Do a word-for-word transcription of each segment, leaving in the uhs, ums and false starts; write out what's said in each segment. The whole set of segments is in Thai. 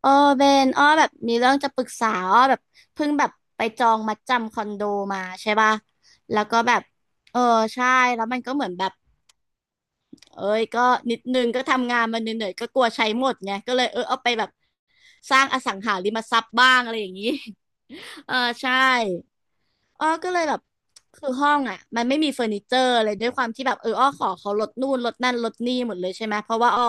เออเบนอ้อแบบมีเรื่องจะปรึกษาอ้อแบบเพิ่งแบบไปจองมัดจำคอนโดมาใช่ป่ะแล้วก็แบบเออใช่แล้วมันก็เหมือนแบบเอ้ยก็นิดนึงก็ทำงานมาเหนื่อยๆก็กลัวใช้หมดไงก็เลยเออเอาไปแบบสร้างอสังหาริมทรัพย์บ้างอะไรอย่างนี้ เออใช่ อ้อก็เลยแบบคือห้องอ่ะมันไม่มีเฟอร์นิเจอร์อะไรด้วยความที่แบบเอออ้อขอเขาลดนู่นลดนั่นลดนี่หมดเลยใช่ไหมเพราะว่าอ้อ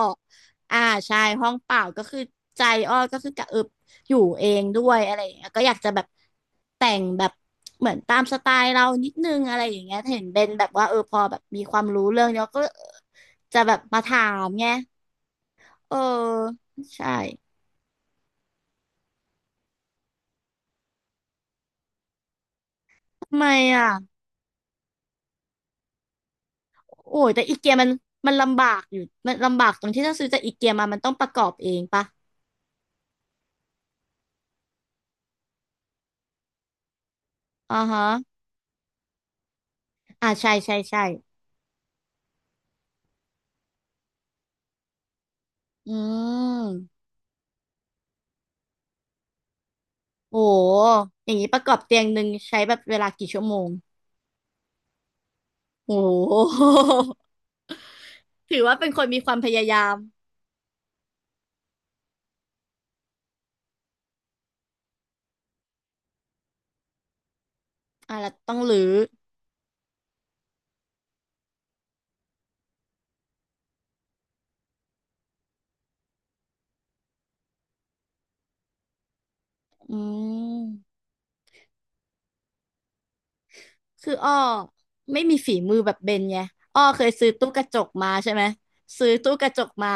อ่าใช่ห้องเปล่าก็คือใจอ้อก็คือกะเอิบอยู่เองด้วยอะไรอย่างเงี้ยก็อยากจะแบบแต่งแบบเหมือนตามสไตล์เรานิดนึงอะไรอย่างเงี้ยเห็นเบนแบบว่าเออพอแบบมีความรู้เรื่องเนี้ยก็เออจะแบบมาถามไงเออใช่ทำไมอ่ะโอ้ยแต่อีเกียมันมันลำบากอยู่มันลำบากตรงที่ถ้าซื้อจากอีเกียมามันต้องประกอบเองปะ อ่าฮะ อ่าใช่ใช่ใช่อืม โอ้โหอย่างนี้ประกอบเตียงหนึ่งใช้แบบเวลากี่ชั่วโมง โอ้โห ถือว่าเป็นคนมีความพยายามอ่าแล้วต้องรื้ออืม คืออ้อไม่มีฝีมือแบบเบนไงอ้อเคยซื้อตู้กระจกมาใช่ไหมซื้อตู้กระจกมา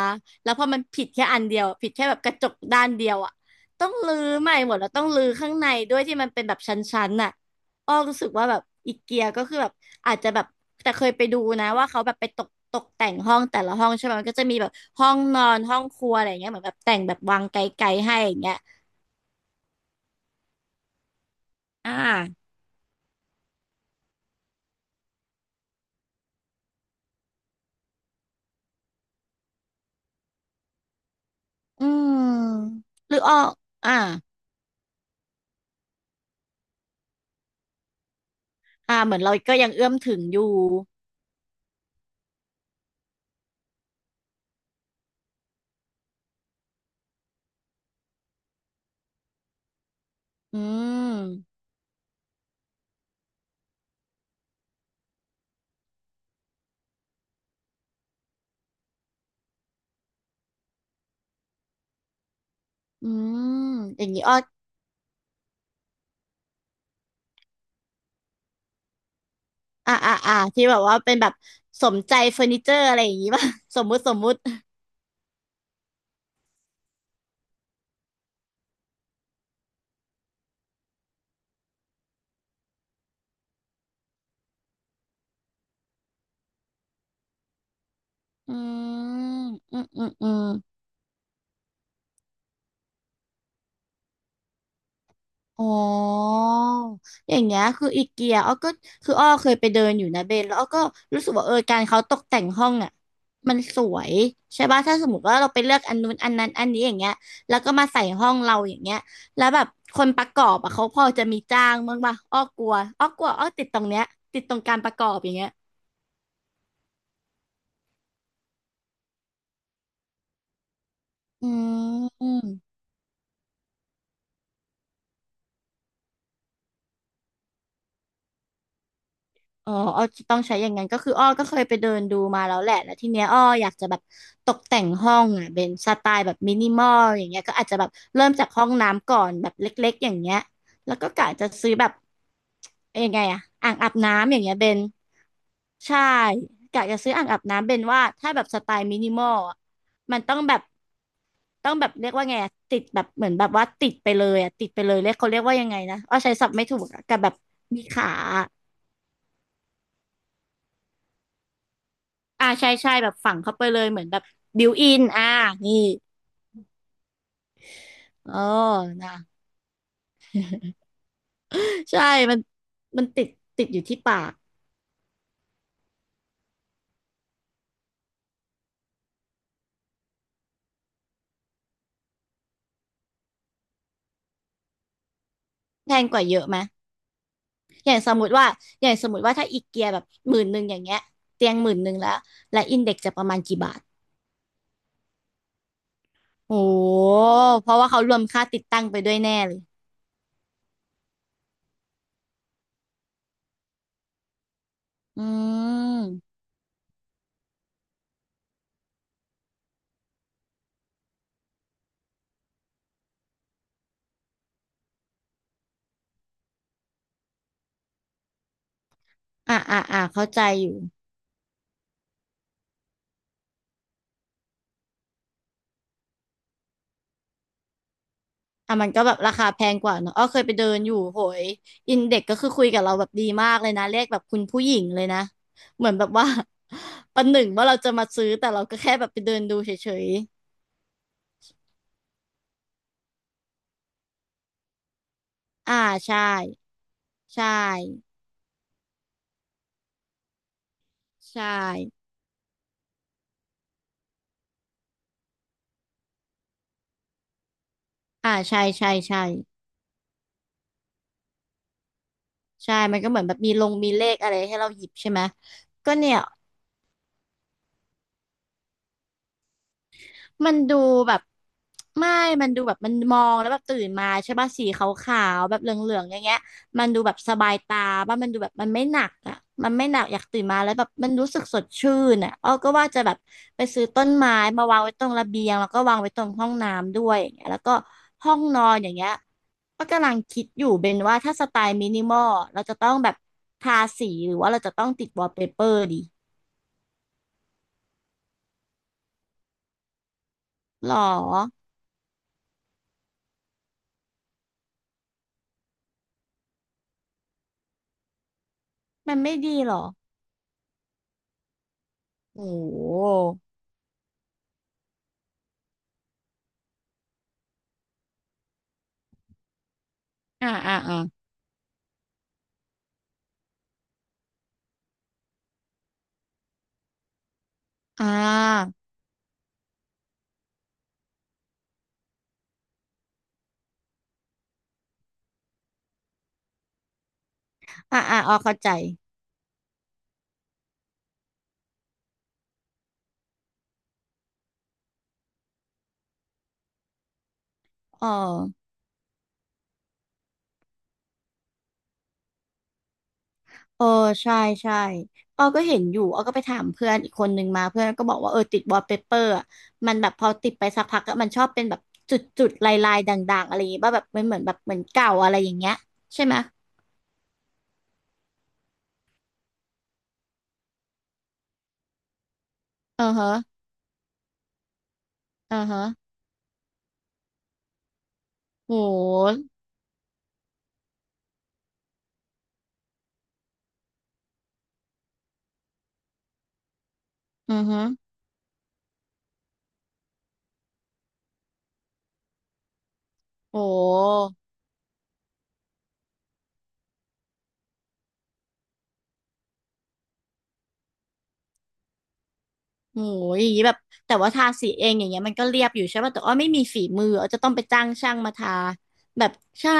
แล้วพอมันผิดแค่อันเดียวผิดแค่แบบกระจกด้านเดียวอ่ะต้องรื้อใหม่หมดแล้วต้องรื้อข้างในด้วยที่มันเป็นแบบชั้นๆน่ะอ้อรู้สึกว่าแบบอีเกียก็คือแบบอาจจะแบบแต่เคยไปดูนะว่าเขาแบบไปตกตกแต่งห้องแต่ละห้องใช่ไหมมันก็จะมีแบบห้องนอนห้องครัวอะไรอย่างเงี้ยเหมือนแบบแต่งแบบวางไกลๆให้อย่างเงี้ยอ่าอืมหรืออ้ออ่า อ่าเหมือนเราก็ยังเอื้อมถึงอยู่ อืม อืม อย่างนี้อ้ออ่า อ่า อ่า ที่แบบว่าเป็นแบบสมใจเฟอร์นิเจอร์อะไรอย่างนี้ ป่ะ สมมุติสมมุติอืมอืมอืมอืม อ๋ออย่างเงี้ยคืออีเกียอ้อก็คืออ้อเคยไปเดินอยู่นะเบนแล้วอ้อก็รู้สึกว่าเออการเขาตกแต่งห้องอ่ะมันสวยใช่ป่ะถ้าสมมติว่าเราไปเลือกอันนู้นอันนั้นอันนี้อย่างเงี้ยแล้วก็มาใส่ห้องเราอย่างเงี้ยแล้วแบบคนประกอบอ่ะเขาพอจะมีจ้างบ้างป่ะอ้อกลัวอ้อกลัวอ้อติดตรงเนี้ยติดตรงการประกอบอย่างเงี้ยอืม อ๋ออ้อต้องใช้อย่างนั้นก็คืออ้อก็เคยไปเดินดูมาแล้วแหละแล้วทีเนี้ยอ้ออยากจะแบบตกแต่งห้องอ่ะเป็นสไตล์แบบมินิมอลอย่างเงี้ยก็อาจจะแบบเริ่มจากห้องน้ำก่อนแบบเล็กๆอย่างเงี้ยแล้วก็กะจะซื้อแบบเอ้ยยังไงอ่ะอ่างอาบน้ำอย่างเงี้ยเบนใช่กะจะซื้ออ่างอาบน้ำเบนว่าถ้าแบบสไตล์มินิมอลอะมันต้องแบบต้องแบบเรียกว่าไงอะติดแบบเหมือนแบบว่าติดไปเลยอ่ะติดไปเลยเรียกเขาเรียกว่ายังไงนะอ้อใช้ศัพท์ไม่ถูกอะกับแบบมีขา อ่าใช่ใช่แบบฝังเข้าไปเลยเหมือนแบบบิวอินอ่านี่เออนะใช่มันมันติดติดอยู่ที่ปากแพงกว่าเยอะไหมอย่างสมมติว่าอย่างสมมติว่าถ้าอีเกียแบบหมื่นหนึ่งอย่างเงี้ยเตียงหมื่นหนึ่งแล้วและอินเด็กจะประมาณกี่บาทโอ้เพราะว่าเขารวมค่าติดตั้งไปด้วยแน่เลยอืมอ่าอ่าอ่าเข้าใจอยู่ อ่ะมันก็แบบราคาแพงกว่าเนอะอ้อเคยไปเดินอยู่โหยอินเด็กก็คือคุยกับเราแบบดีมากเลยนะเรียกแบบคุณผู้หญิงเลยนะ เหมือนแบบว่า ประหนึ่งว่าเราจะมาซื้อแต่เราก็แค่แบบไปเดินดูเฉยๆ อ่าใช่ใช่ใช่อ่าใช่ใช่ใช่ใช่มันก็เหมือนแบบมีลงมีเลขอะไรให้เราหยิบใช่ไหมก็เนี่ย มันดูแบบไม่มันดูแบบมันมองแล้วแบบตื่นมาใช่ป่ะสีขาวๆแบบเหลืองๆอย่างเงี้ยมันดูแบบสบายตาป่ะมันดูแบบมันไม่หนักอ่ะมันไม่หนักอยากตื่นมาแล้วแบบมันรู้สึกสดชื่นอ่ะอ้อก็ว่าจะแบบไปซื้อต้นไม้มาวางไว้ตรงระเบียงแล้วก็วางไว้ตรงห้องน้ำด้วยอย่างเงี้ยแล้วก็ห้องนอนอย่างเงี้ยก็กำลังคิดอยู่เป็นว่าถ้าสไตล์มินิมอลเราจะต้องแบบทาสีหรือว่าเราจะต้องติดวอลเปเปอร์ดีหรอมันไม่ดีหรอโอ้ อ่าอ่าอ่าอ่าอ่าอ่าออเข้าใจอ๋อเออใช่ใช่ออก็เห็นอยู่ออก็ไปถามเพื่อนอีกคนนึงมา เพื่อนก็บอกว่าเออติดวอลเปเปอร์อะมันแบบพอติดไปสักพักอะมันชอบเป็นแบบจุดจุดลายลายด่างๆอะไรอย่างเงี้ยว่าแบบมันเหมือนแบบเหมือนเก่าอะไรอย่างเงี้ยใช่ไหมเออฮะเออฮะโหอือฮะโหโหอย่างงี้แบบแต่ว่าทาสีเองอย่างเงี้ยมันก็เรียบอยู่ใช่ป่ะแต่อ้อไม่มีฝีมืออ้อจะต้องไปจ้างช่างมาทาแบบใช่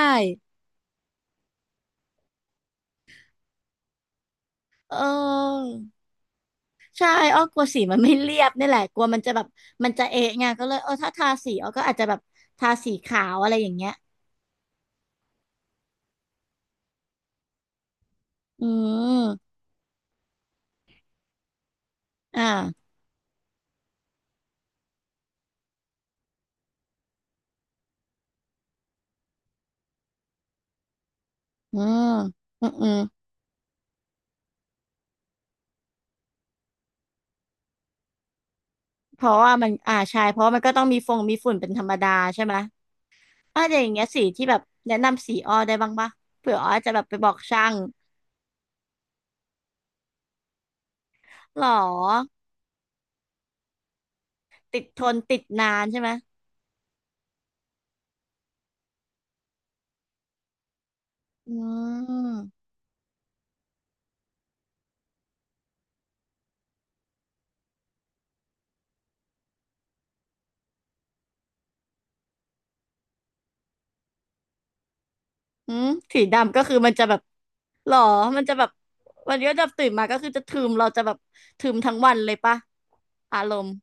เออ ใช่อ้อกลัวสีมันไม่เรียบนี่แหละกลัวมันจะแบบมันจะเอะไงก็เลยเออถ้าทาสีอ้อก็อาจจะแบบทาสีขาวอะไรอย่างเงี้ยอืมอ่าอืมอืมอืมเพราะว่ามันอ่าใช่เพราะว่ามันก็ต้องมีฟงมีฝุ่นเป็นธรรมดาใช่ไหมอ่าอย่างเงี้ยสีที่แบบแนะนำสีอ้อได้บ้างปะเผื่ออ้อจะแบบไปบอกช่างหรอติดทนติดนานใช่ไหมอืมอืมสีดำก็คือมันจะแบบ หรอมันจะแบบวันนี้ก็จะตื่นมาก็คือจะถึมเราจะแบบถึมทั้งวันเลยปะอารมณ์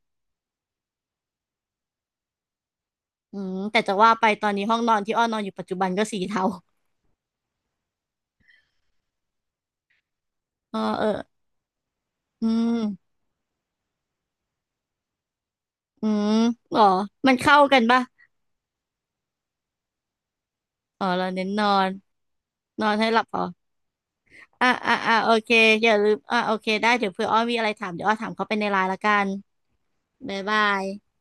อืมแต่จะว่าไปตอนนี้ห้องนอนที่อ้อนอนอยู่ปัจจุบันก็สีเทา เออเอออืมอืมหรอมันเข้ากันปะอ๋อเราเน้นนอนนอนให้หลับอ๋ออ่ะอ่ะอ่ะโอเคอย่าลืมอ่ะโอเคได้เดี๋ยวเผื่ออ้อมีอะไรถามเดี๋ยวอ้อถามเขาไปในไลน์ละกันบ๊ายบาย